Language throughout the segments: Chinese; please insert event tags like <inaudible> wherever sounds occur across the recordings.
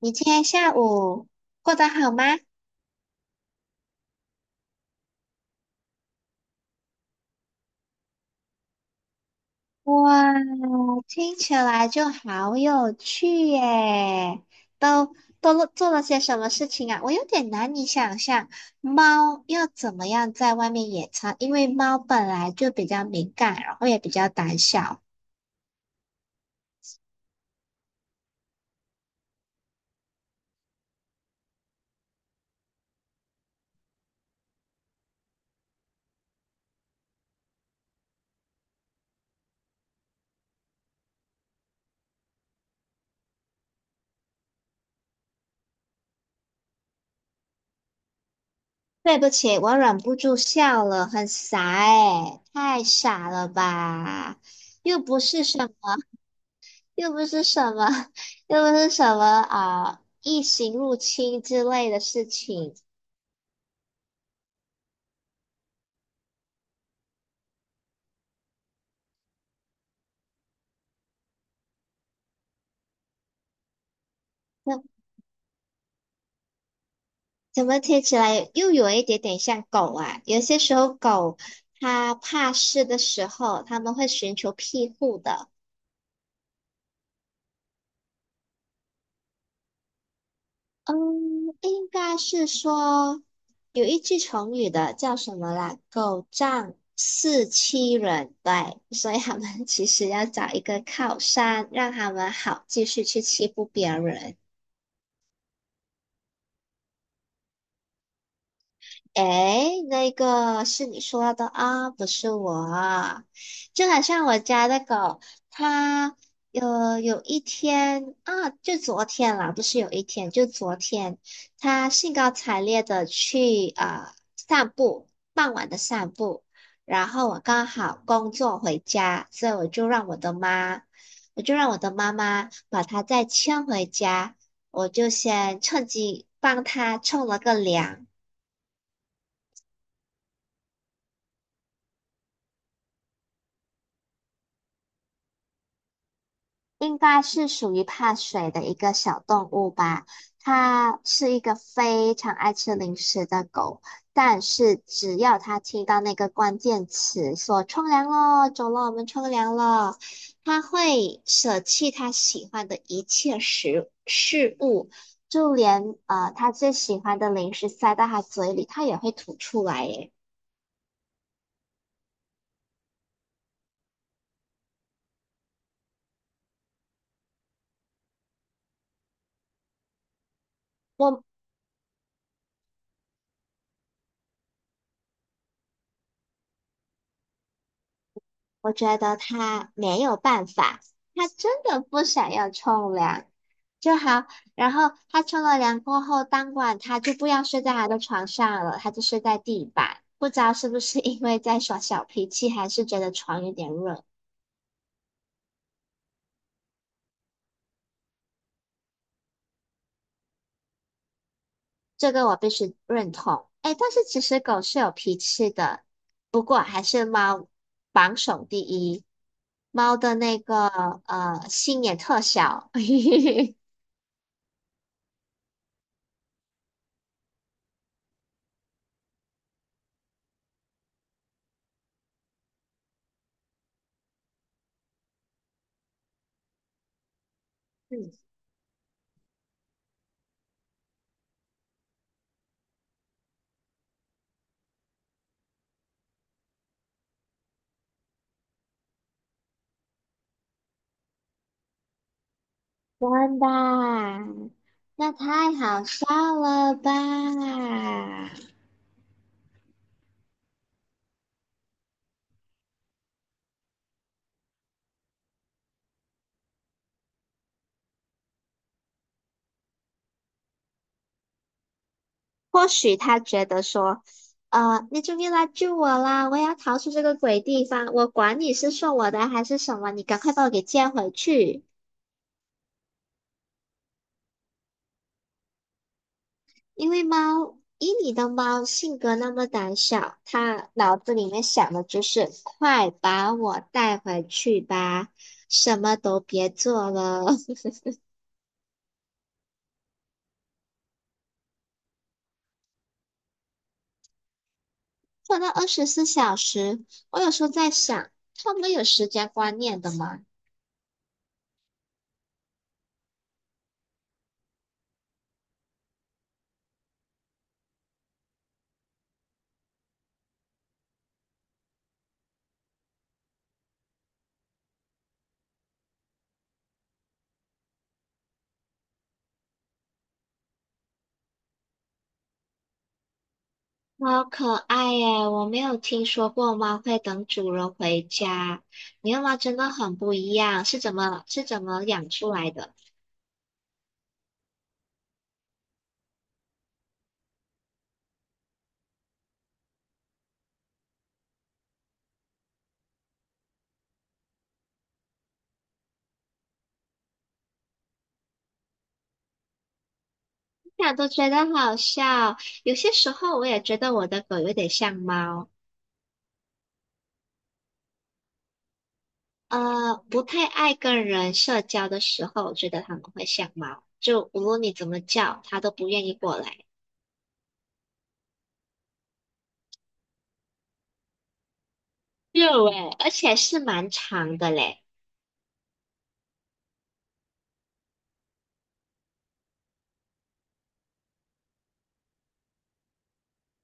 你今天下午过得好吗？哇，听起来就好有趣耶！都都做了些什么事情啊？我有点难以想象，猫要怎么样在外面野餐，因为猫本来就比较敏感，然后也比较胆小。对不起，我忍不住笑了，很傻诶，太傻了吧？又不是什又不是什么，<laughs> 又不是什么啊，异形入侵之类的事情。那怎么听起来又有一点点像狗啊？有些时候狗它怕事的时候，它们会寻求庇护的。嗯，应该是说有一句成语的叫什么啦？狗仗势欺人，对，所以他们 <laughs> 其实要找一个靠山，让他们好继续去欺负别人。哎，那个是你说的啊，不是我啊。就好像我家的狗，它有一天啊，就昨天啦，不是有一天，就昨天，它兴高采烈的去啊、散步，傍晚的散步。然后我刚好工作回家，所以我就让我的妈妈把它再牵回家，我就先趁机帮它冲了个凉。应该是属于怕水的一个小动物吧。它是一个非常爱吃零食的狗，但是只要它听到那个关键词说“冲凉咯，走了，我们冲凉了”，它会舍弃它喜欢的一切食事物，就连它最喜欢的零食塞到它嘴里，它也会吐出来耶。我我觉得他没有办法，他真的不想要冲凉就好。然后他冲了凉过后，当晚他就不要睡在他的床上了，他就睡在地板。不知道是不是因为在耍小脾气，还是觉得床有点热，这个我必须认同。哎，但是其实狗是有脾气的，不过还是猫榜首第一，猫的那个心也特小。<laughs> 嗯，真的啊？那太好笑了吧？或许他觉得说，你终于来救我啦，我要逃出这个鬼地方，我管你是送我的还是什么，你赶快把我给接回去。因为猫，以你的猫性格那么胆小，它脑子里面想的就是快把我带回去吧，什么都别做了。<laughs> 放到24小时，我有时候在想，他们有时间观念的吗？好可爱耶！我没有听说过猫会等主人回家，你的猫真的很不一样，是怎么养出来的？想都觉得好笑。有些时候我也觉得我的狗有点像猫，不太爱跟人社交的时候，我觉得它们会像猫，就无论你怎么叫，它都不愿意过来。有诶，而且是蛮长的嘞。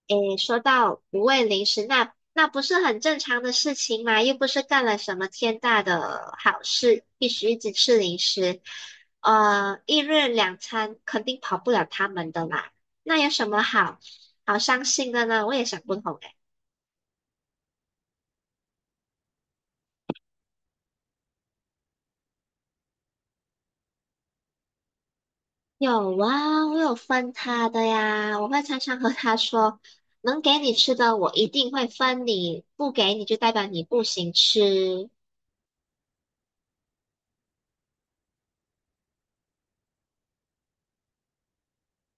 诶，说到不喂零食，那不是很正常的事情嘛？又不是干了什么天大的好事，必须一直吃零食。一日两餐肯定跑不了他们的啦。那有什么好伤心的呢？我也想不通诶。有啊，我有分他的呀，我会常常和他说，能给你吃的我一定会分你，不给你就代表你不行吃。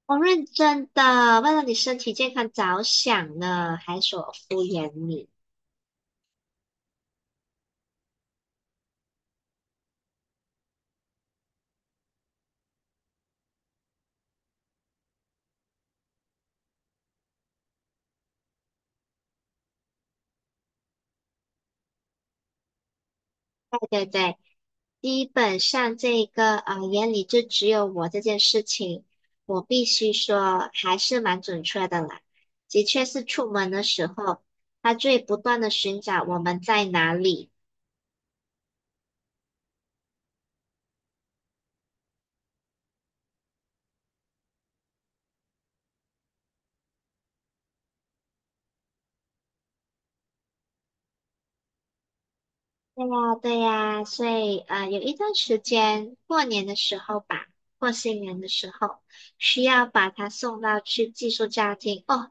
我认真的，为了你身体健康着想呢，还说我敷衍你，对不对？基本上这个眼里就只有我这件事情，我必须说还是蛮准确的啦。的确是出门的时候，他最不断的寻找我们在哪里。对呀，对呀，所以有一段时间，过年的时候吧，过新年的时候，需要把它送到去寄宿家庭哦，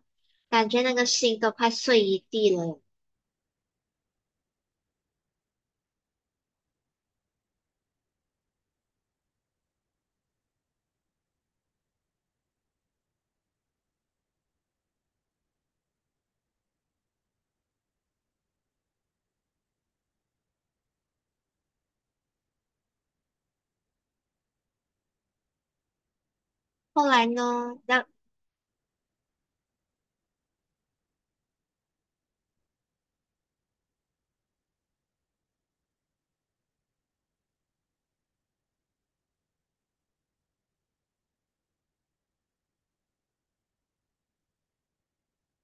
感觉那个心都快碎一地了。后来呢，那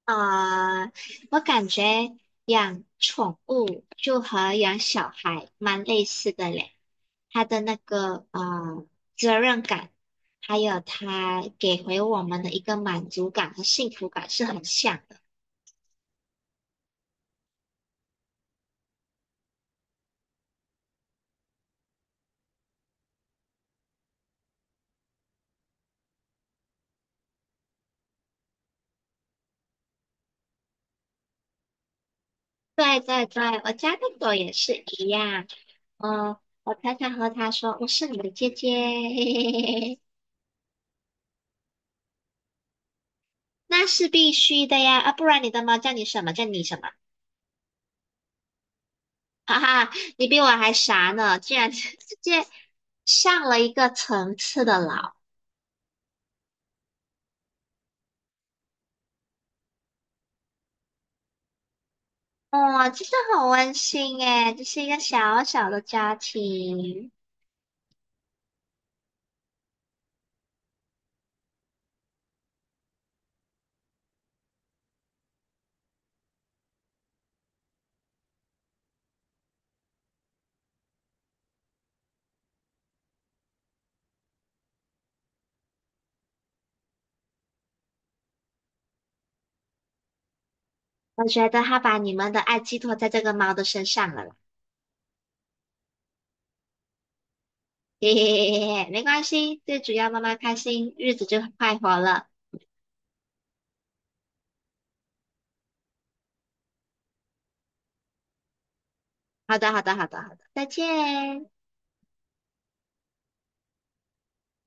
呃，我感觉养宠物就和养小孩蛮类似的嘞，它的那个责任感，还有它给回我们的一个满足感和幸福感是很像。的。对对对，我家的狗也是一样。嗯，我常常和它说我是你的姐姐，<laughs> 嘿嘿嘿嘿嘿，那是必须的呀，啊，不然你的猫叫你什么？叫你什么？哈哈，你比我还傻呢，竟然 <laughs> 直接上了一个层次的老。哦，真的很温馨诶，这是一个小小的家庭。我觉得它把你们的爱寄托在这个猫的身上了啦。嘿 <laughs> 嘿嘿嘿嘿，没关系，最主要妈妈开心，日子就快活了。好的，好的，好的，好的，再见。